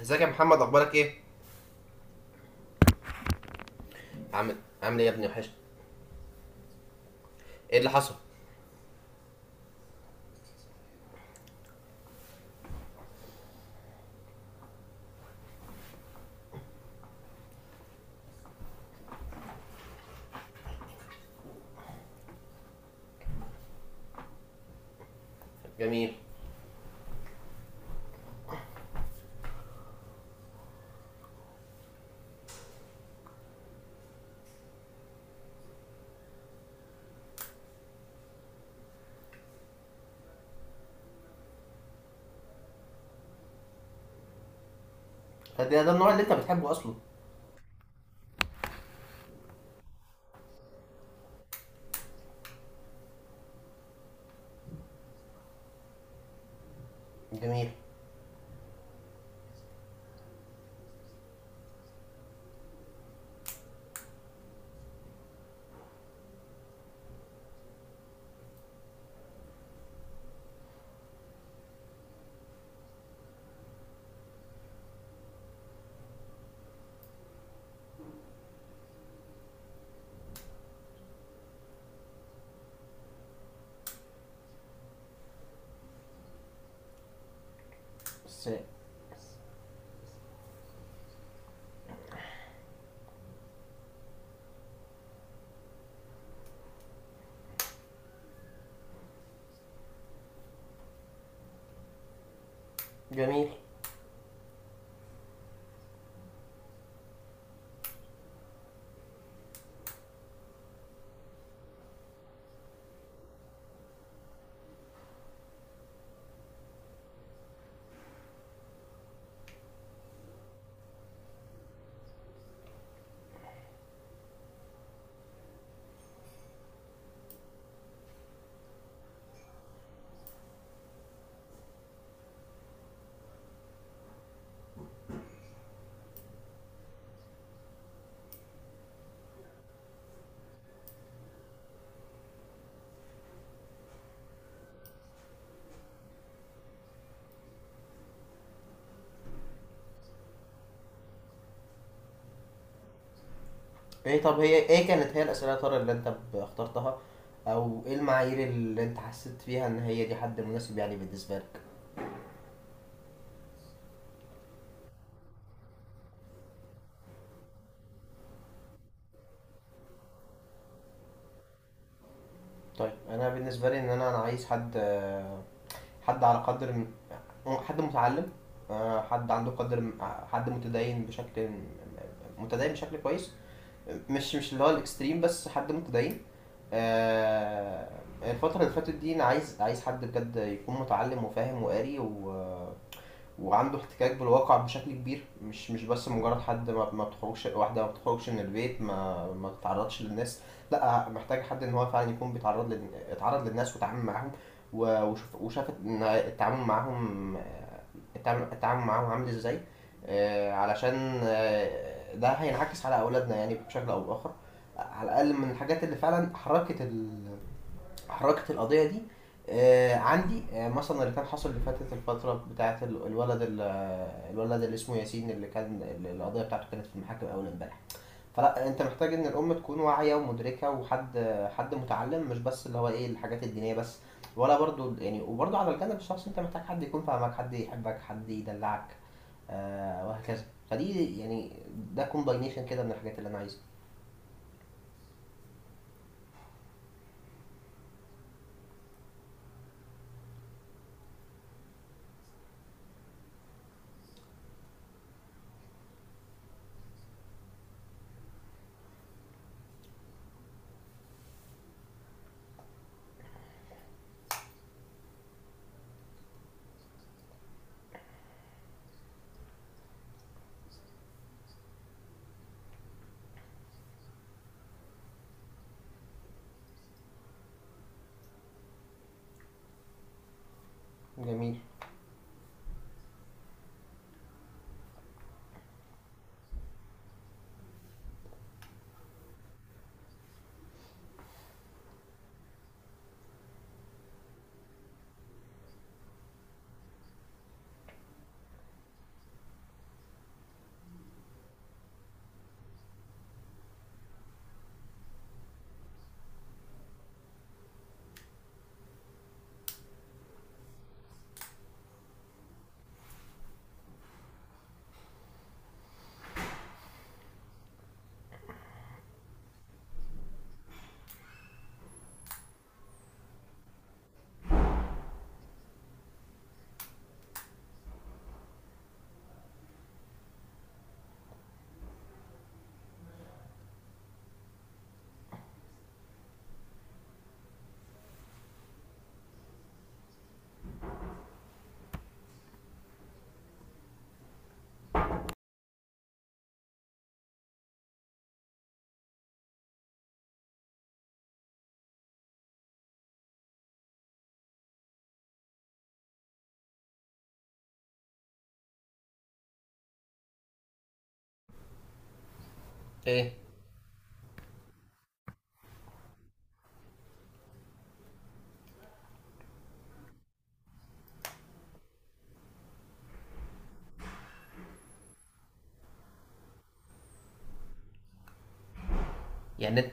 ازيك يا محمد، اخبارك ايه؟ عامل عامل ايه يا ابني، وحشني؟ ايه اللي حصل؟ جميل. طب ده النوع اللي انت بتحبه اصلا. جميل. بس جميل. ايه، طب هي ايه كانت هي الاسئله يا ترى اللي انت اخترتها؟ او ايه المعايير اللي انت حسيت فيها ان هي دي حد مناسب يعني بالنسبه لك؟ طيب انا بالنسبه لي، ان انا عايز حد، حد على قدر من- حد متعلم، حد عنده قدر من- حد متدين بشكل كويس، مش اللي هو الاكستريم، بس حد متدين، آه، الفترة اللي فاتت دي أنا عايز حد بجد يكون متعلم وفاهم وقاري وعنده احتكاك بالواقع بشكل كبير، مش بس مجرد حد ما بتخرجش، واحده ما بتخرجش من البيت، ما بتتعرضش للناس. لا، محتاج حد ان هو فعلا يكون بيتعرض اتعرض للناس وتعامل معاهم، وشوف وشاف إن التعامل معاهم، التعامل معاهم عامل ازاي، علشان ده هينعكس على اولادنا يعني بشكل او باخر. على الاقل من الحاجات اللي فعلا حركت القضيه دي. عندي مثلا اللي كان حصل اللي فاتت الفترة بتاعة ال- الولد ال- آه، الولد اللي اسمه ياسين، اللي كان اللي القضية بتاعته كانت في المحاكم أول امبارح. فلا، أنت محتاج إن الأم تكون واعية ومدركة، وحد، حد متعلم، مش بس اللي هو إيه الحاجات الدينية بس، ولا برضو يعني. وبرضو على الجانب الشخصي أنت محتاج حد يكون فاهمك، حد يحبك، حد يدلعك، وهكذا. فدي يعني ده كومباينيشن كده من الحاجات اللي أنا عايزها. جميل. ايه يعني انت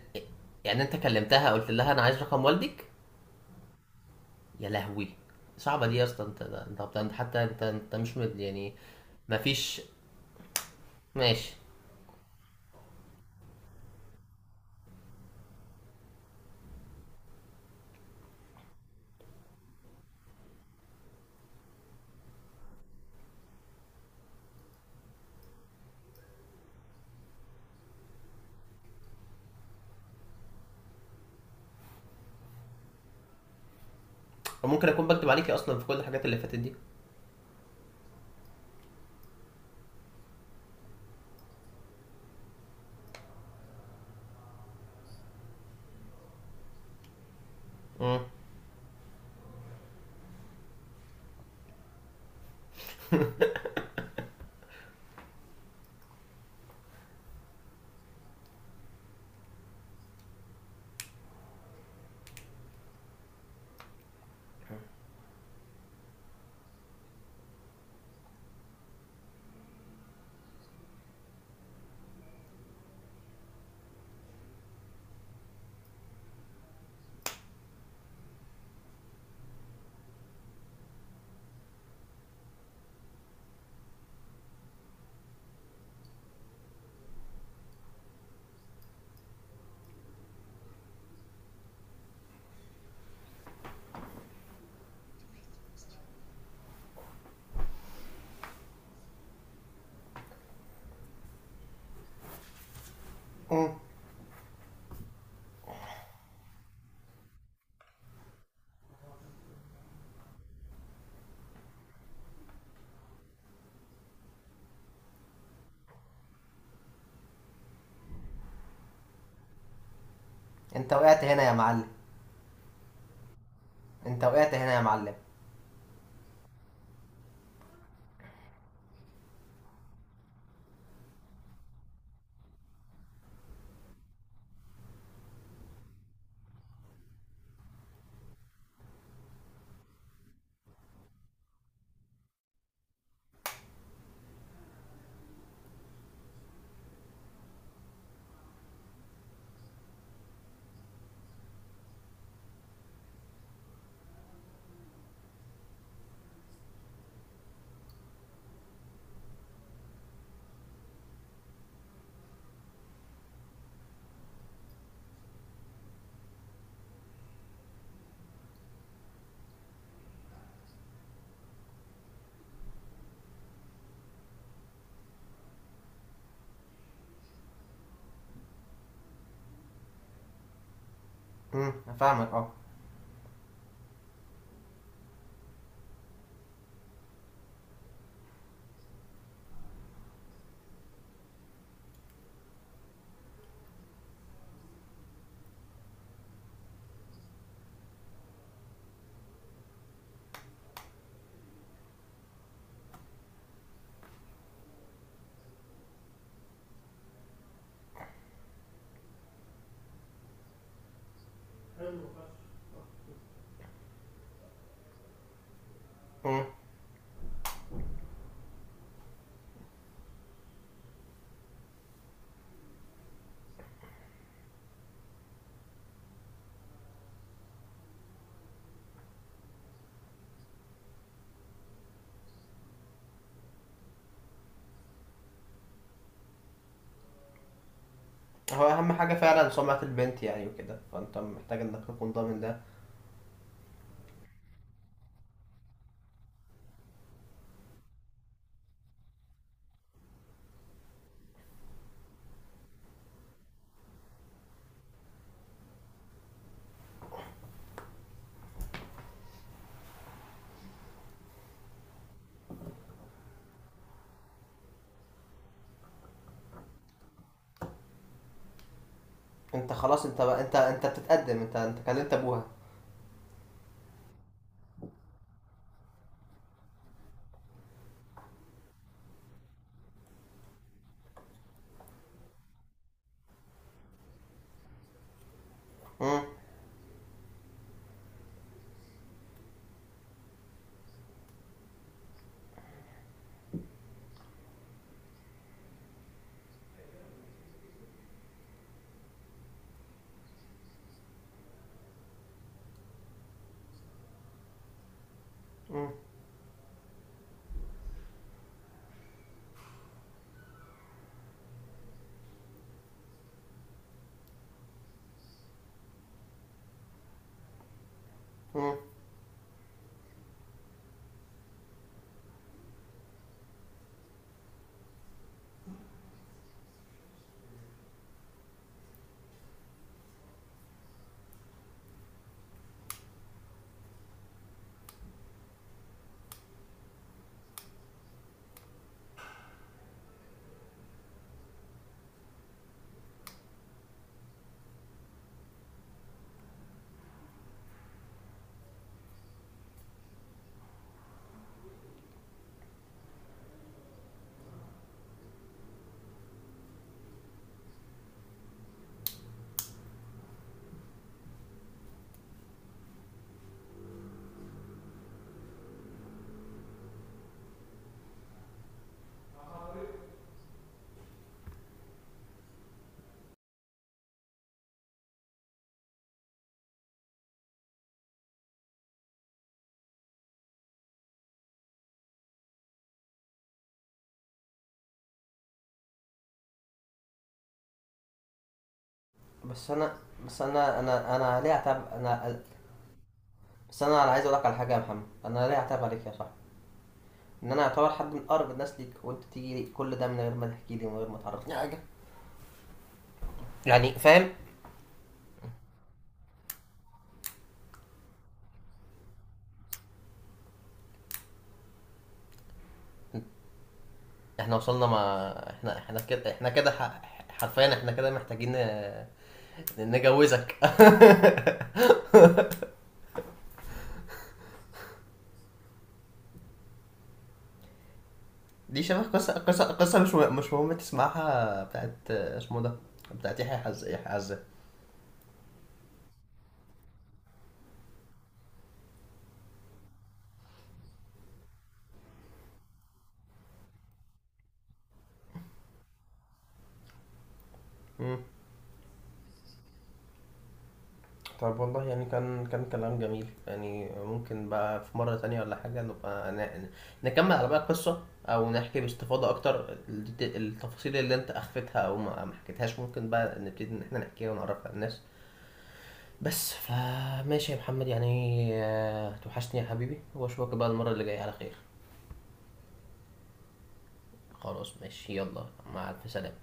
يعني انت كلمتها، قلت لها انا عايز رقم والدك؟ يا لهوي، صعبة دي يا اسطى. انت انت، طب انت، حتى انت مش مد يعني. مفيش. ماشي. ممكن اكون بكتب عليكي اصلا في كل الحاجات اللي فاتت دي. امم. امم. انت وقعت هنا يا معلم. انت وقعت هنا يا معلم. امم. فاهمك، اه. امم. هو اهم حاجة فعلا سمعة البنت يعني وكده، فانت محتاج انك تكون ضامن ده. انت خلاص، انت بقى انت بتتقدم، انت كلمت ابوها. امم. امم. امم. بس انا بس انا ليه اعتب انا؟ بس انا عايز اقول لك على حاجة يا محمد، انا ليه اعتب عليك يا صاحبي؟ ان انا اعتبر حد من اقرب الناس ليك، وانت تيجي لي كل ده من غير ما تحكي لي ومن غير ما تعرفني حاجه، يعني فاهم. احنا وصلنا، ما احنا كده، احنا كده حرفيا احنا كده محتاجين، نجوزك. دي شبه قصه مش مش مهم تسمعها، بتاعت اسمه ده، بتاعت يحيى يحيى عزة. مم. طب والله، يعني كان كلام جميل يعني. ممكن بقى في مرة تانية ولا حاجة نبقى نكمل على بقى القصة، أو نحكي باستفاضة أكتر التفاصيل اللي أنت أخفتها أو ما حكيتهاش. ممكن بقى نبتدي إن إحنا نحكيها ونعرفها للناس. بس فماشي يا محمد يعني. توحشني يا حبيبي، وأشوفك بقى المرة اللي جاية على خير. خلاص، ماشي، يلا. مع ألف سلامة.